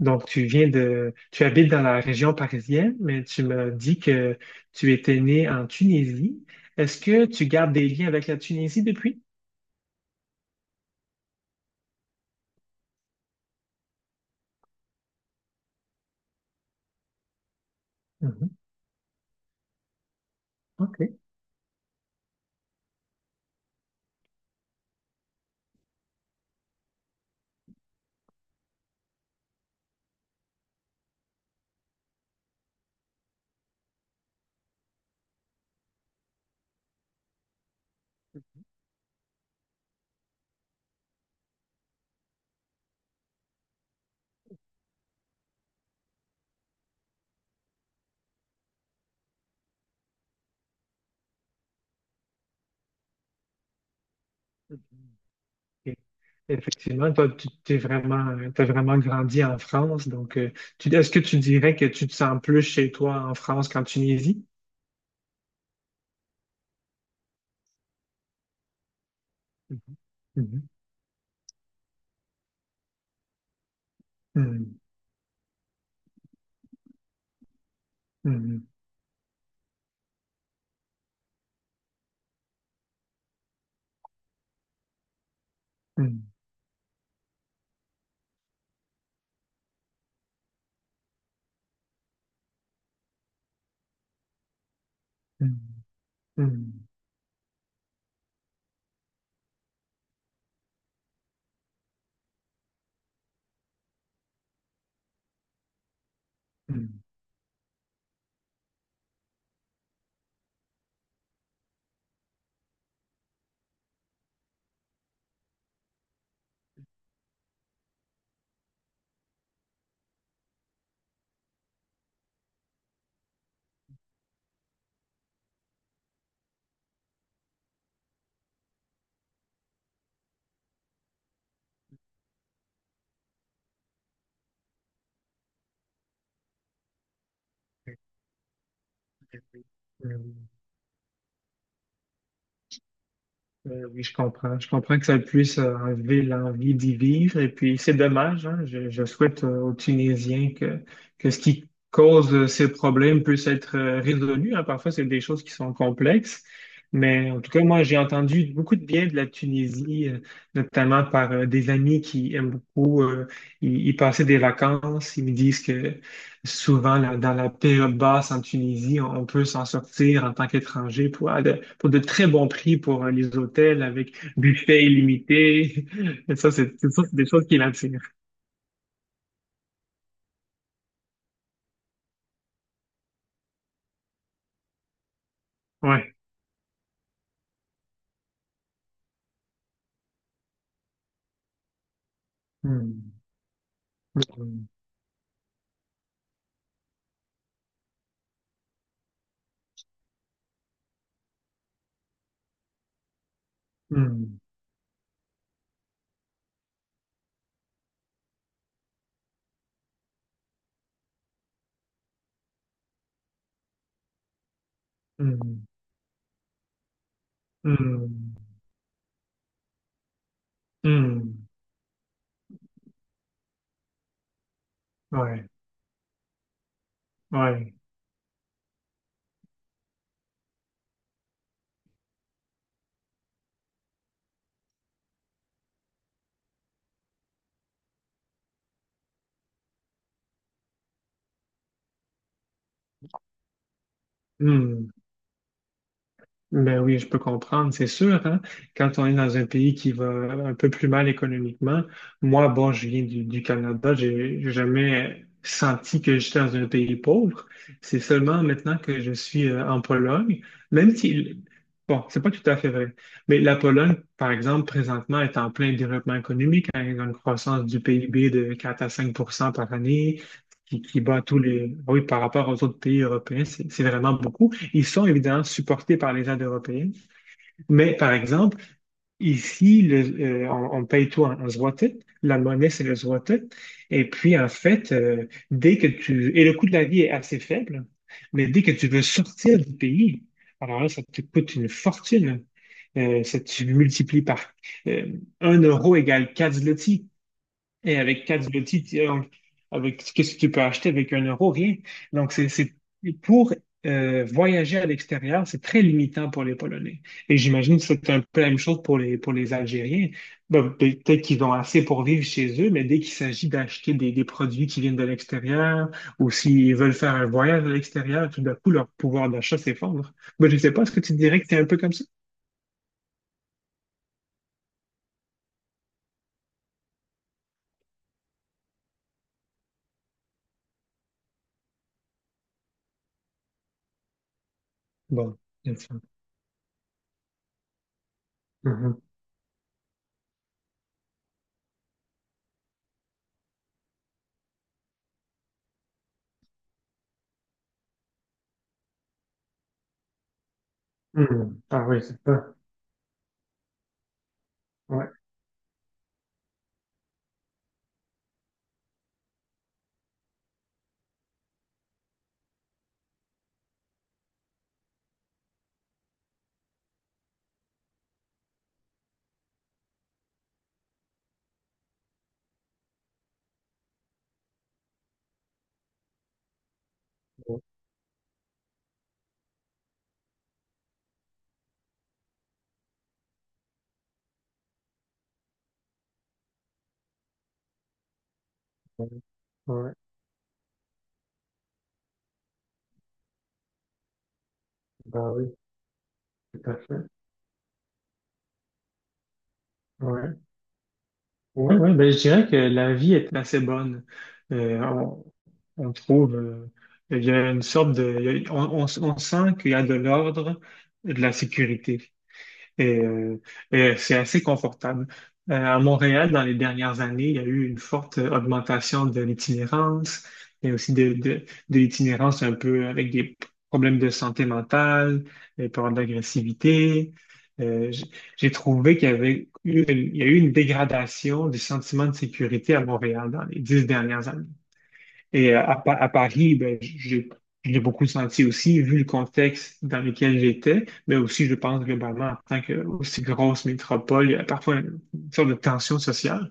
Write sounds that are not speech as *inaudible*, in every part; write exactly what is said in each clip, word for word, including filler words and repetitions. Donc, tu viens de, tu habites dans la région parisienne, mais tu me dis que tu étais né en Tunisie. Est-ce que tu gardes des liens avec la Tunisie depuis? Mhm. OK. OK. Effectivement, toi, tu t'es vraiment, t'as vraiment grandi en France. Donc, euh, tu- est-ce que tu dirais que tu te sens plus chez toi en France qu'en Tunisie? Mhm. Mhm. Mhm. Mhm. Mhm. Mhm. Mhm. Mhm. Mhm. Euh, oui, je comprends. Je comprends que ça puisse euh, enlever l'envie d'y vivre. Et puis, c'est dommage, hein. Je, je souhaite euh, aux Tunisiens que, que ce qui cause euh, ces problèmes puisse être euh, résolu, hein. Parfois, c'est des choses qui sont complexes. Mais en tout cas, moi, j'ai entendu beaucoup de bien de la Tunisie, euh, notamment par euh, des amis qui aiment beaucoup euh, y, y passer des vacances. Ils me disent que souvent, là, dans la période basse en Tunisie, on on peut s'en sortir en tant qu'étranger pour, à de- pour de très bons prix pour euh, les hôtels avec buffet illimité. *laughs* Et ça, c'est c'est ça, c'est des choses qui l'attirent. Ouais. Hmm. Hmm. Hmm. Hmm. Hmm. Hmm. Ouais. Ouais. Hmm. Ben oui, je peux comprendre, c'est sûr, hein. Quand on est dans un pays qui va un peu plus mal économiquement, moi, bon, je viens du, du Canada, j'ai j'ai jamais senti que j'étais dans un pays pauvre. C'est seulement maintenant que je suis euh, en Pologne, même si, bon, c'est pas tout à fait vrai, mais la Pologne, par exemple, présentement, est en plein développement économique, hein, ils ont une croissance du P I B de quatre à cinq par année, qui, qui bat tous les, oui, par rapport aux autres pays européens, c'est c'est vraiment beaucoup. Ils sont évidemment supportés par les aides européennes, mais par exemple, ici, le- euh, on, on paye tout en, en zloty. La monnaie, c'est le zloty. Et puis, en fait, euh, dès que tu... Et le coût de la vie est assez faible, mais dès que tu veux sortir du pays, alors là, ça te coûte une fortune. Euh, ça, tu multiplies par euh, un euro égale quatre zloty. Et avec quatre outils, tu- euh, avec qu'est-ce que tu peux acheter avec un euro? Rien. Donc, c'est, c'est pour euh, voyager à l'extérieur, c'est très limitant pour les Polonais. Et j'imagine que c'est un peu la même chose pour les, pour les Algériens. Ben, ben, peut-être qu'ils ont assez pour vivre chez eux, mais dès qu'il s'agit d'acheter des, des produits qui viennent de l'extérieur, ou s'ils veulent faire un voyage à l'extérieur, tout d'un coup, leur pouvoir d'achat s'effondre. Ben, je ne sais pas, est-ce que tu dirais que c'est un peu comme ça? Bon, c'est ça. Mhm. Mhm. Ah oui, c'est ça. Ouais. Ouais. Ouais. Bah oui, tout à fait. Ouais. Ouais, ouais, ben, je dirais que la vie est assez bonne. Euh, on, on trouve. euh, il y a une sorte de, il y a- on, on- on sent qu'il y a de l'ordre et de la sécurité. Et, euh, et c'est assez confortable. Euh, à Montréal, dans les dernières années, il y a eu une forte euh, augmentation de l'itinérance, mais aussi de, de, de l'itinérance un peu avec des problèmes de santé mentale, des problèmes d'agressivité. Euh, j- j'ai trouvé qu'il y avait eu une, il y a eu une dégradation du sentiment de sécurité à Montréal dans les dix dernières années. Et euh, à, Pa- à Paris, ben, j'ai j'ai beaucoup senti aussi, vu le contexte dans lequel j'étais, mais aussi, je pense, globalement, en tant que aussi grosse métropole, il y a parfois une sorte de tension sociale.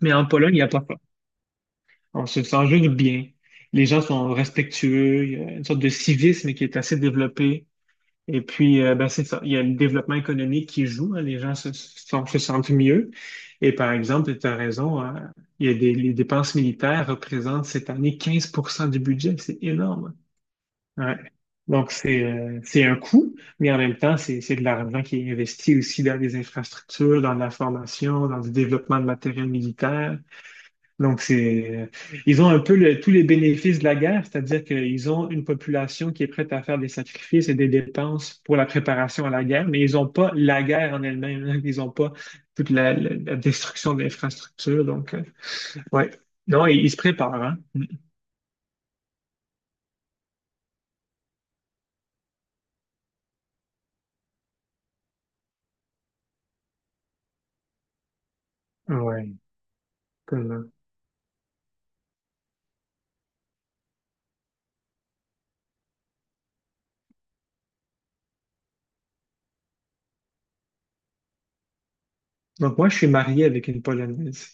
Mais en Pologne, il n'y a pas ça. On se sent juste bien. Les gens sont respectueux. Il y a une sorte de civisme qui est assez développé. Et puis, euh, ben, c'est ça. Il y a le développement économique qui joue, hein. Les gens se, sont- se sentent mieux. Et par exemple, tu as raison, hein, il y a des, les dépenses militaires représentent cette année quinze du budget. C'est énorme, hein. Ouais. Donc, c'est euh, c'est un coût, mais en même temps, c'est c'est de l'argent qui est investi aussi dans les infrastructures, dans la formation, dans le développement de matériel militaire. Donc, c'est, ils ont un peu le- tous les bénéfices de la guerre, c'est-à-dire qu'ils ont une population qui est prête à faire des sacrifices et des dépenses pour la préparation à la guerre, mais ils n'ont pas la guerre en elle-même, hein. Ils n'ont pas toute la, la- la destruction de l'infrastructure. Donc, euh, ouais. Non, ils, ils se préparent, hein. Ouais. Donc moi, je suis marié avec une Polonaise.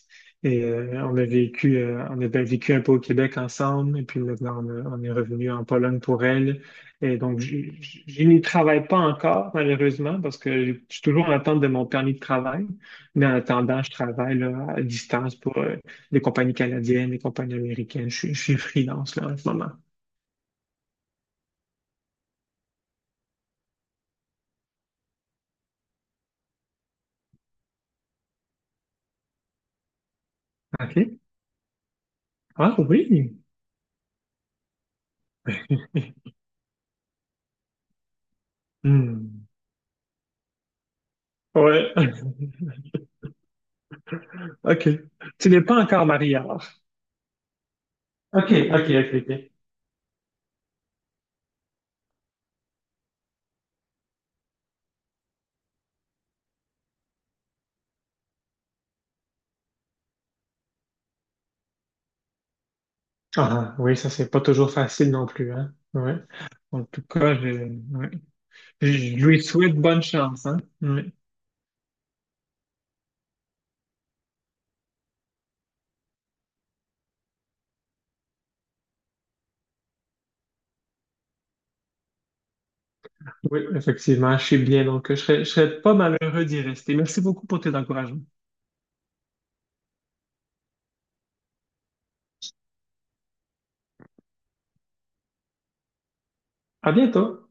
Et euh, on a vécu, euh, on a bien vécu un peu au Québec ensemble, et puis maintenant on, a- on est revenu en Pologne pour elle. Et donc j- j- je n'y travaille pas encore, malheureusement, parce que je suis toujours en attente de mon permis de travail. Mais en attendant, je travaille là, à distance pour euh, des compagnies canadiennes, des compagnies américaines. Je, suis je suis freelance là, en ce moment. OK. Ah oui. Hmm. Ouais. *laughs* OK. Tu n'es pas encore marié alors. OK, OK, OK, OK. Ah, oui, ça, c'est pas toujours facile non plus, hein? Ouais. En tout cas, je, ouais. Je lui souhaite bonne chance, hein? Ouais. Oui, effectivement, je suis bien, donc je serais, je serais pas malheureux d'y rester. Merci beaucoup pour tes encouragements. À bientôt!